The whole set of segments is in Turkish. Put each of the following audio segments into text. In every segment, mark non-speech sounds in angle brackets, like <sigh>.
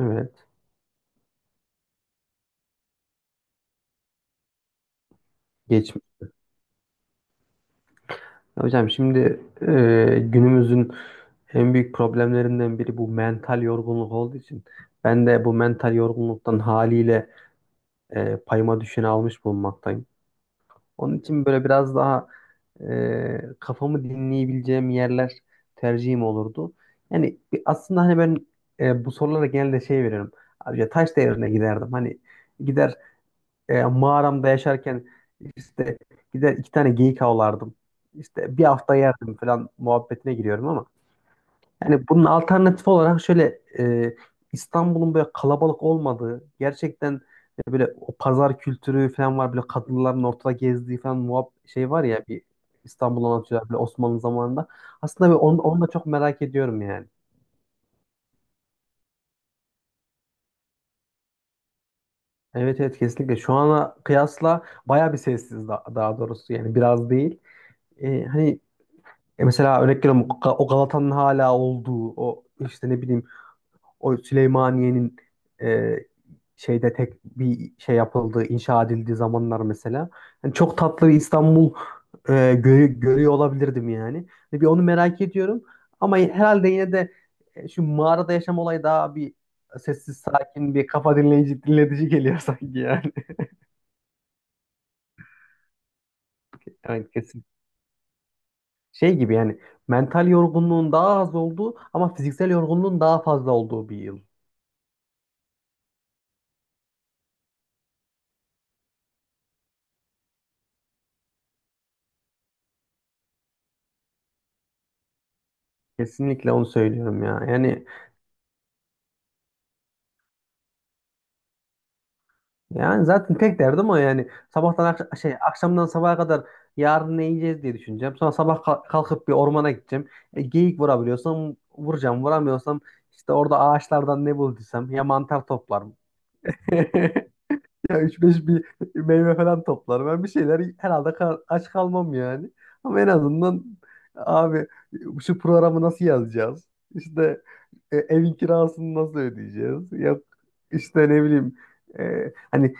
Evet. Geçmiş. Hocam şimdi, günümüzün en büyük problemlerinden biri bu mental yorgunluk olduğu için ben de bu mental yorgunluktan haliyle payıma düşeni almış bulunmaktayım. Onun için böyle biraz daha kafamı dinleyebileceğim yerler tercihim olurdu. Yani aslında hani ben bu sorulara genelde şey veriyorum. Abi ya taş devrine giderdim. Hani gider mağaramda yaşarken işte gider 2 tane geyik avlardım. İşte bir hafta yerdim falan muhabbetine giriyorum ama yani bunun alternatif olarak şöyle İstanbul'un böyle kalabalık olmadığı, gerçekten böyle o pazar kültürü falan var, böyle kadınların ortada gezdiği falan şey var ya, bir İstanbul'u anlatıyorlar böyle Osmanlı zamanında. Aslında bir onu da çok merak ediyorum yani. Evet, evet, kesinlikle şu ana kıyasla baya bir sessiz, daha doğrusu, yani biraz değil. Hani, mesela örnek veriyorum, o Galata'nın hala olduğu, o işte ne bileyim, o Süleymaniye'nin e, şeyde tek bir şey yapıldığı, inşa edildiği zamanlar mesela. Yani çok tatlı bir İstanbul görüyor olabilirdim yani. Ve bir onu merak ediyorum ama herhalde yine de şu mağarada yaşam olayı daha bir sessiz sakin, bir kafa dinleyici dinletici geliyor <laughs> sanki yani. Evet, kesin. Şey gibi yani, mental yorgunluğun daha az olduğu ama fiziksel yorgunluğun daha fazla olduğu bir yıl. Kesinlikle onu söylüyorum ya. Yani zaten tek derdim o yani. Sabahtan akş- şey Akşamdan sabaha kadar yarın ne yiyeceğiz diye düşüneceğim. Sonra sabah kalkıp bir ormana gideceğim. Geyik vurabiliyorsam vuracağım. Vuramıyorsam işte orada ağaçlardan ne bulduysam, ya mantar toplarım. <laughs> Ya 3-5 bir meyve falan toplar. Ben bir şeyler herhalde, aç kalmam yani. Ama en azından abi, şu programı nasıl yazacağız? İşte evin kirasını nasıl ödeyeceğiz? Yok işte ne bileyim, hani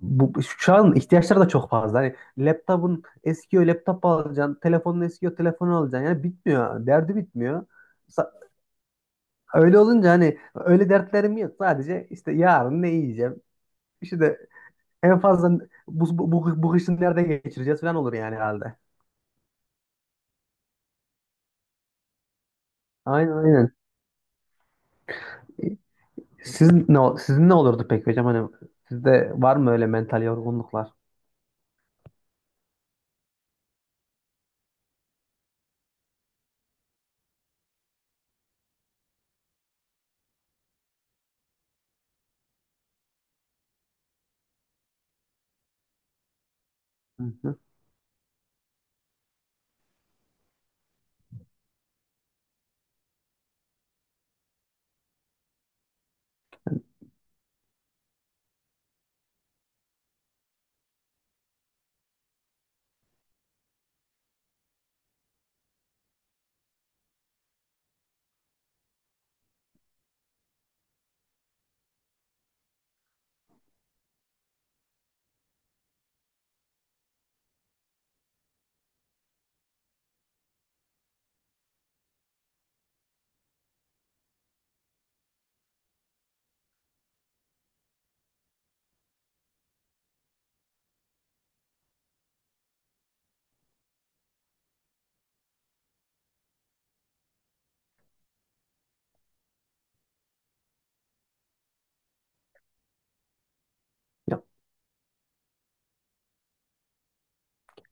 şu an ihtiyaçlar da çok fazla. Hani laptopun eskiyor, laptop alacaksın. Telefonun eskiyor, telefonu alacaksın. Yani bitmiyor. Derdi bitmiyor. Sa- Öyle olunca hani öyle dertlerim yok. Sadece işte yarın ne yiyeceğim? İşte en fazla bu kışın nerede geçireceğiz falan olur yani herhalde. Aynen, aynen. Siz ne, sizin ne olurdu peki hocam? Hani sizde var mı öyle mental yorgunluklar? Hı hı. Ya,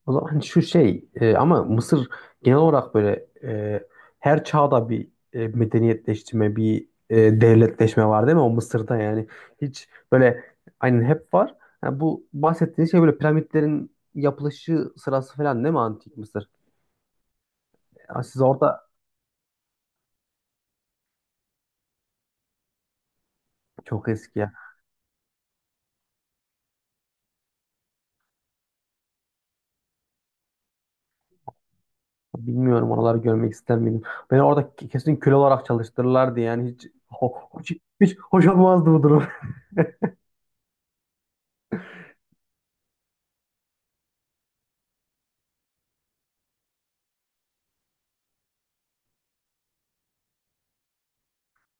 o zaman hani şu şey, ama Mısır genel olarak böyle, her çağda bir medeniyetleştirme, bir devletleşme var, değil mi? O Mısır'da yani hiç böyle, aynen, hep var. Ha, bu bahsettiğiniz şey böyle piramitlerin yapılışı sırası falan, değil mi Antik Mısır? Ya siz orada, çok eski ya. Bilmiyorum, oraları görmek ister miydim? Beni orada kesin köle olarak çalıştırırlardı yani, hiç hiç hoş olmazdı bu durum. <laughs>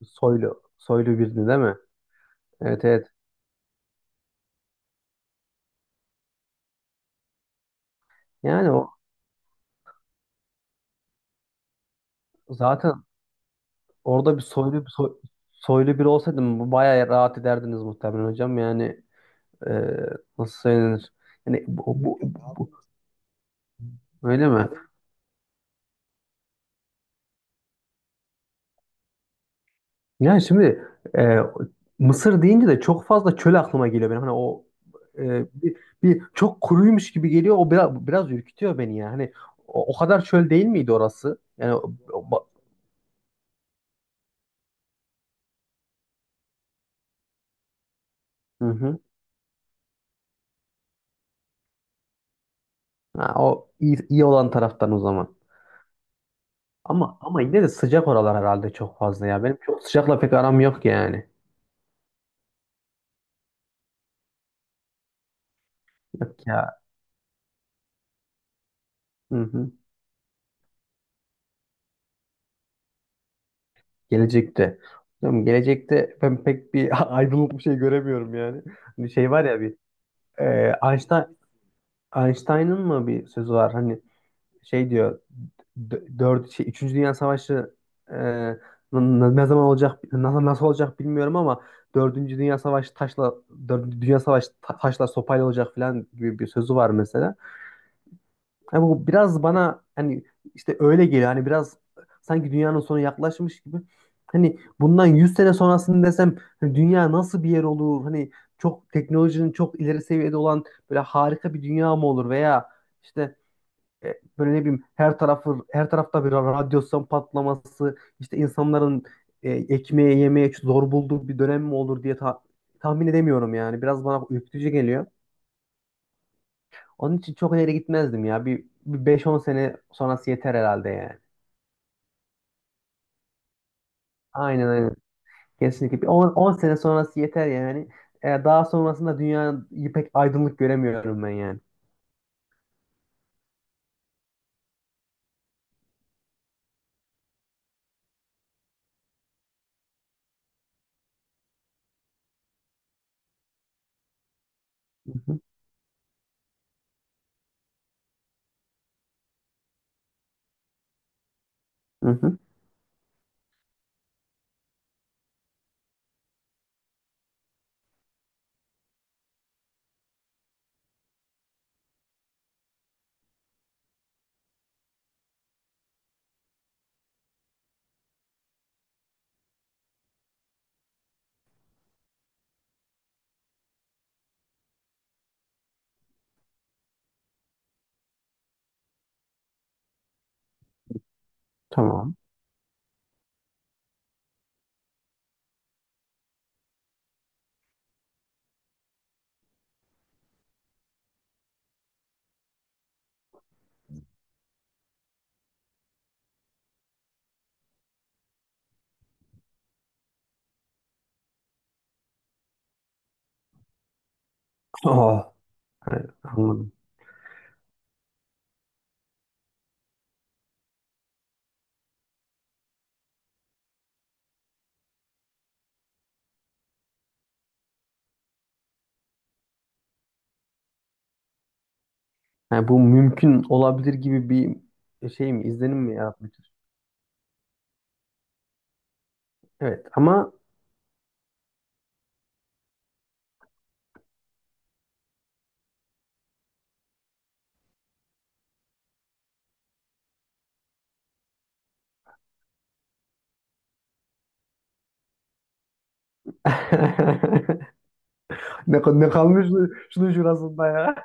Soylu, soylu birini değil mi? Evet, evet. Yani o zaten orada bir soylu bir soy- soylu biri olsaydım bayağı rahat ederdiniz muhtemelen hocam. Yani e, nasıl söylenir? Yani bu- öyle mi? Yani şimdi e, Mısır deyince de çok fazla çöl aklıma geliyor benim. Hani o e, bir, bir çok kuruymuş gibi geliyor. O biraz ürkütüyor beni ya. Hani o kadar çöl değil miydi orası? Yani hı hı. Ha, o iyi, iyi olan taraftan o zaman. Ama yine de sıcak oralar herhalde çok fazla ya. Benim çok sıcakla pek aram yok yani. Yok ya. Hı hı. Gelecekte. Hocam gelecekte ben pek bir <laughs> aydınlık bir şey göremiyorum yani. Bir şey var ya, bir e, Einstein, Einstein'ın mı bir sözü var hani, şey diyor, Üçüncü Dünya Savaşı e, n- ne zaman olacak, nasıl olacak bilmiyorum ama Dördüncü Dünya Savaşı taşla Dördüncü Dünya Savaşı ta- taşla sopayla olacak falan gibi bir sözü var mesela. Yani bu biraz bana, hani işte öyle geliyor. Hani biraz sanki dünyanın sonu yaklaşmış gibi. Hani bundan 100 sene sonrasını desem, hani dünya nasıl bir yer olur? Hani çok teknolojinin çok ileri seviyede olan böyle harika bir dünya mı olur, veya işte böyle ne bileyim, her tarafı, her tarafta bir radyasyon patlaması, işte insanların ekmeğe yemeye zor bulduğu bir dönem mi olur diye tahmin edemiyorum yani. Biraz bana ürkütücü geliyor. Onun için çok ileri gitmezdim ya. Bir beş on sene sonrası yeter herhalde yani. Aynen, aynen. Kesinlikle. Bir on sene sonrası yeter yani. Daha sonrasında dünyayı pek aydınlık göremiyorum ben yani. Hı hı. Hı hı. Tamam. Oh, evet, anladım. Yani bu mümkün olabilir gibi bir şey mi, izlenim mi yaratmıştır? Evet ama, <laughs> ne kalmış şunun şurasında ya.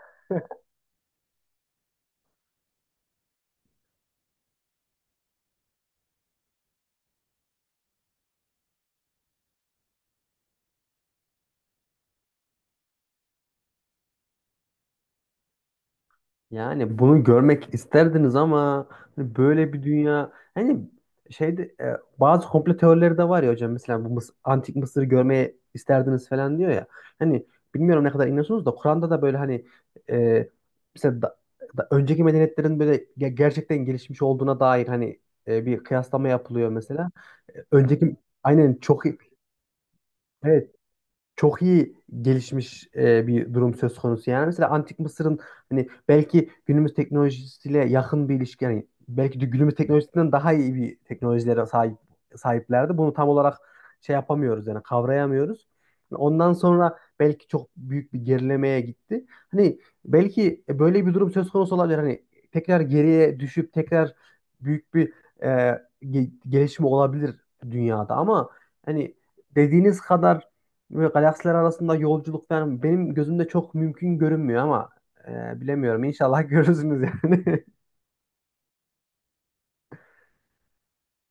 Yani bunu görmek isterdiniz ama, hani böyle bir dünya, hani şeyde, bazı komplo teorileri de var ya hocam, mesela bu antik Mısır'ı görmeye isterdiniz falan diyor ya. Hani bilmiyorum ne kadar inanıyorsunuz da Kur'an'da da böyle hani, e, mesela da önceki medeniyetlerin böyle gerçekten gelişmiş olduğuna dair hani bir kıyaslama yapılıyor mesela. Önceki, aynen, çok iyi. Evet, çok iyi gelişmiş bir durum söz konusu. Yani mesela Antik Mısır'ın hani belki günümüz teknolojisiyle yakın bir ilişki, yani belki de günümüz teknolojisinden daha iyi bir teknolojilere sahiplerdi. Bunu tam olarak şey yapamıyoruz yani kavrayamıyoruz. Ondan sonra belki çok büyük bir gerilemeye gitti. Hani belki böyle bir durum söz konusu olabilir. Hani tekrar geriye düşüp tekrar büyük bir e, gelişme olabilir dünyada ama, hani dediğiniz kadar böyle galaksiler arasında yolculuk falan benim gözümde çok mümkün görünmüyor ama bilemiyorum. İnşallah görürsünüz yani. <laughs>